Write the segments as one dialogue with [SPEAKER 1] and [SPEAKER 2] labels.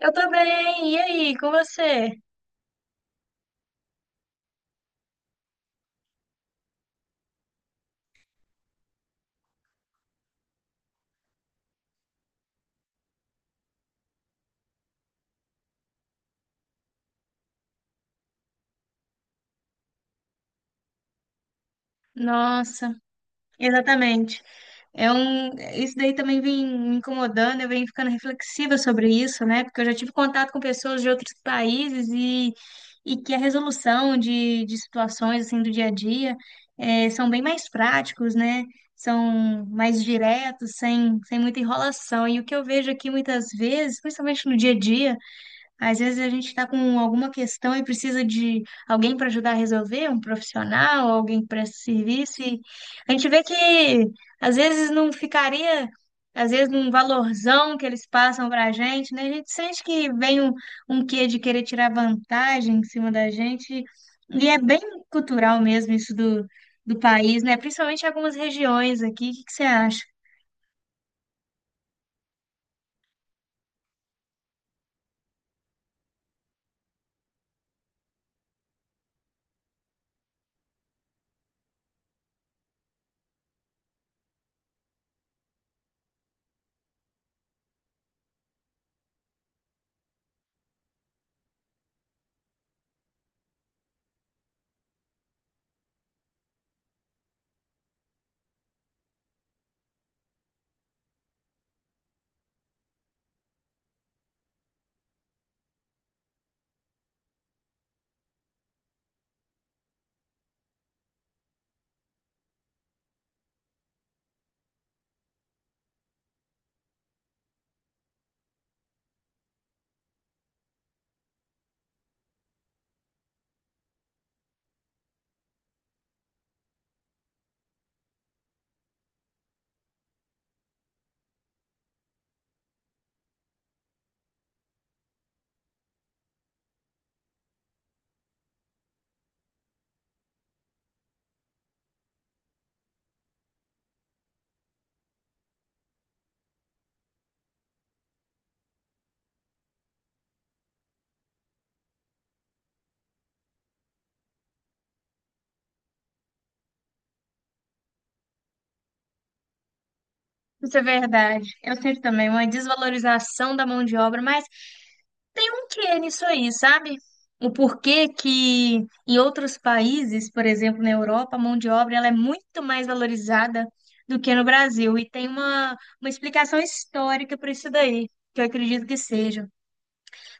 [SPEAKER 1] Eu tô bem. E aí, com você? Nossa, exatamente. É um, isso daí também vem me incomodando, eu venho ficando reflexiva sobre isso, né? Porque eu já tive contato com pessoas de outros países e que a resolução de situações assim do dia a dia são bem mais práticos, né? São mais diretos, sem muita enrolação. E o que eu vejo aqui muitas vezes, principalmente no dia a dia, às vezes a gente está com alguma questão e precisa de alguém para ajudar a resolver, um profissional, alguém que presta serviço. E a gente vê que às vezes não ficaria, às vezes, num valorzão que eles passam para a gente, né? A gente sente que vem um quê de querer tirar vantagem em cima da gente. E é bem cultural mesmo isso do país, né? Principalmente em algumas regiões aqui. O que que você acha? Isso é verdade. Eu sinto também uma desvalorização da mão de obra, mas tem um quê nisso aí, sabe? O porquê que em outros países, por exemplo, na Europa, a mão de obra ela é muito mais valorizada do que no Brasil. E tem uma explicação histórica para isso daí, que eu acredito que seja.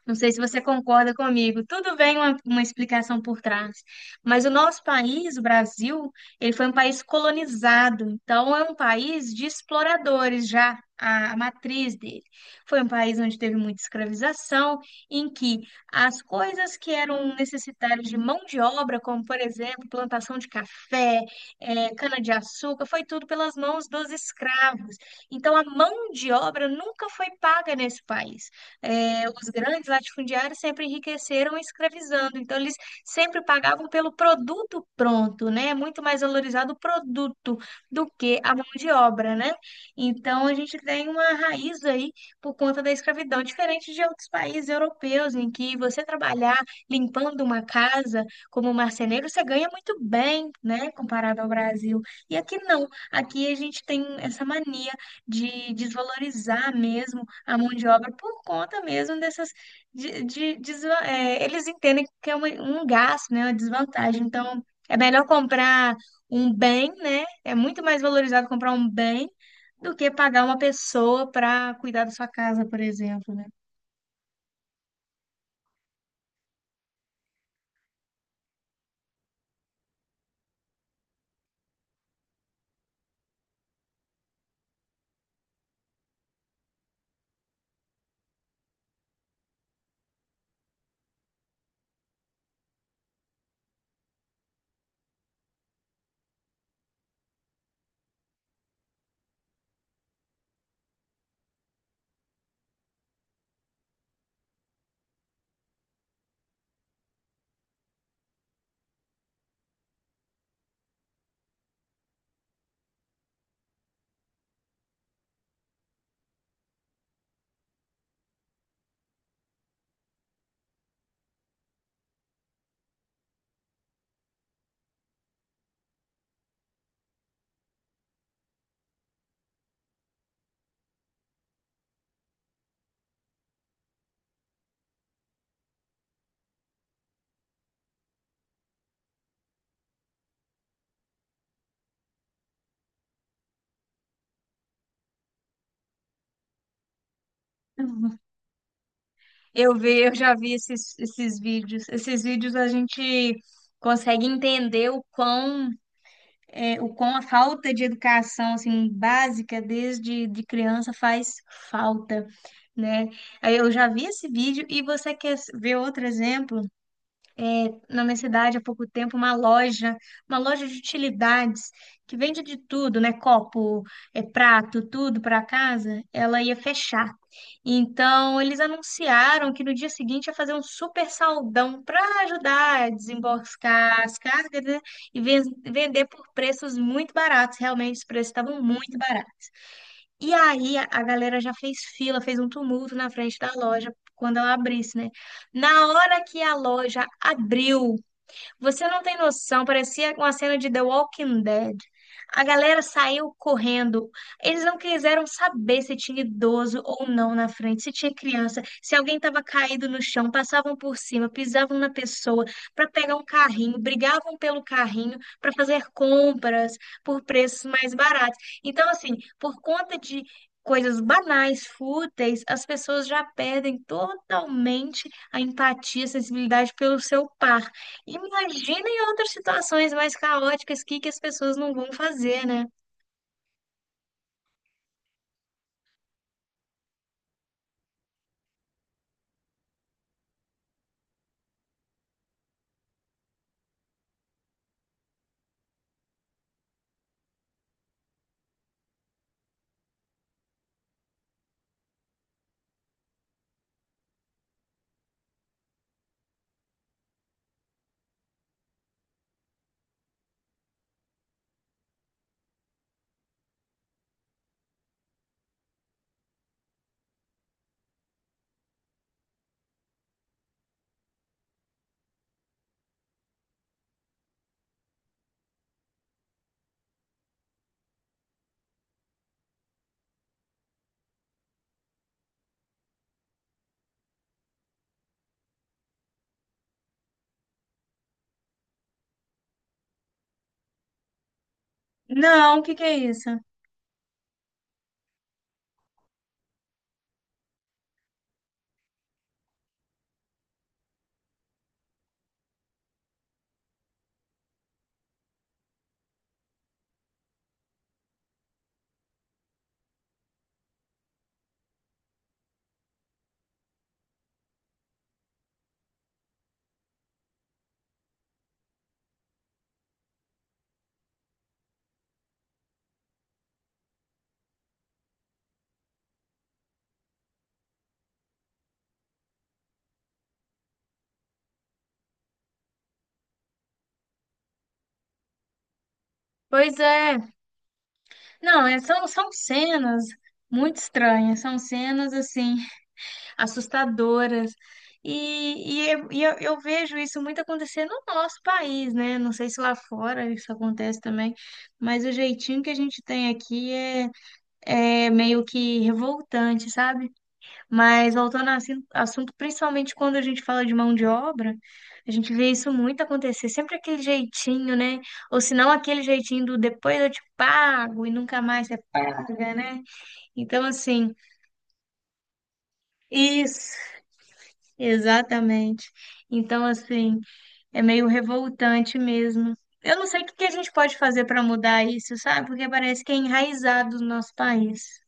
[SPEAKER 1] Não sei se você concorda comigo. Tudo bem uma explicação por trás, mas o nosso país, o Brasil, ele foi um país colonizado, então é um país de exploradores já, a matriz dele. Foi um país onde teve muita escravização, em que as coisas que eram necessitárias de mão de obra, como por exemplo, plantação de café, cana-de-açúcar, foi tudo pelas mãos dos escravos. Então a mão de obra nunca foi paga nesse país, os grandes latifundiários sempre enriqueceram escravizando. Então, eles sempre pagavam pelo produto pronto, né? É muito mais valorizado o produto do que a mão de obra, né? Então, a gente tem uma raiz aí por conta da escravidão, diferente de outros países europeus, em que você trabalhar limpando uma casa como marceneiro, você ganha muito bem, né? Comparado ao Brasil. E aqui não. Aqui a gente tem essa mania de desvalorizar mesmo a mão de obra por conta mesmo dessas é, eles entendem que é uma- um gasto, né, uma desvantagem. Então, é melhor comprar um bem, né? É muito mais valorizado comprar um bem do que pagar uma pessoa para cuidar da sua casa, por exemplo, né? Uhum. Eu já vi esses vídeos. Esses vídeos a gente consegue entender o quão o quão a falta de educação assim básica desde de criança faz falta, né? Aí eu já vi esse vídeo e você quer ver outro exemplo? Na minha cidade há pouco tempo uma loja de utilidades que vende de tudo, né? Copo, é, prato, tudo para casa. Ela ia fechar. Então eles anunciaram que no dia seguinte ia fazer um super saldão para ajudar a desembarcar as cargas, né? E vender por preços muito baratos. Realmente os preços estavam muito baratos. E aí a galera já fez fila, fez um tumulto na frente da loja quando ela abrisse, né? Na hora que a loja abriu, você não tem noção, parecia uma cena de The Walking Dead. A galera saiu correndo. Eles não quiseram saber se tinha idoso ou não na frente, se tinha criança, se alguém estava caído no chão, passavam por cima, pisavam na pessoa para pegar um carrinho, brigavam pelo carrinho para fazer compras por preços mais baratos. Então, assim, por conta de coisas banais, fúteis, as pessoas já perdem totalmente a empatia, a sensibilidade pelo seu par. Imagina em outras situações mais caóticas, o que que as pessoas não vão fazer, né? Não, o que que é isso? Pois é. Não, são, são cenas muito estranhas, são cenas, assim, assustadoras. E eu vejo isso muito acontecer no nosso país, né? Não sei se lá fora isso acontece também, mas o jeitinho que a gente tem aqui é meio que revoltante, sabe? Mas voltando ao assunto, principalmente quando a gente fala de mão de obra, a gente vê isso muito acontecer, sempre aquele jeitinho, né? Ou se não aquele jeitinho do depois eu te pago e nunca mais você paga, né? Então, assim, isso, exatamente. Então, assim, é meio revoltante mesmo. Eu não sei o que que a gente pode fazer para mudar isso, sabe? Porque parece que é enraizado no nosso país.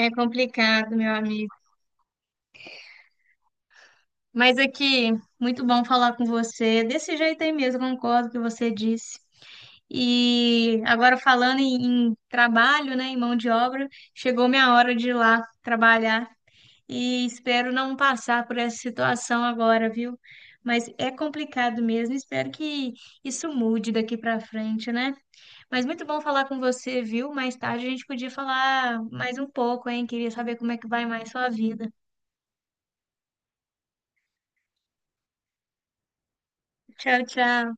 [SPEAKER 1] É complicado, meu amigo. Mas aqui, muito bom falar com você. Desse jeito aí mesmo, concordo com o que você disse. E agora falando em trabalho, né, em mão de obra, chegou minha hora de ir lá trabalhar e espero não passar por essa situação agora, viu? Mas é complicado mesmo, espero que isso mude daqui para frente, né? Mas muito bom falar com você, viu? Mais tarde a gente podia falar mais um pouco, hein? Queria saber como é que vai mais sua vida. Tchau, tchau.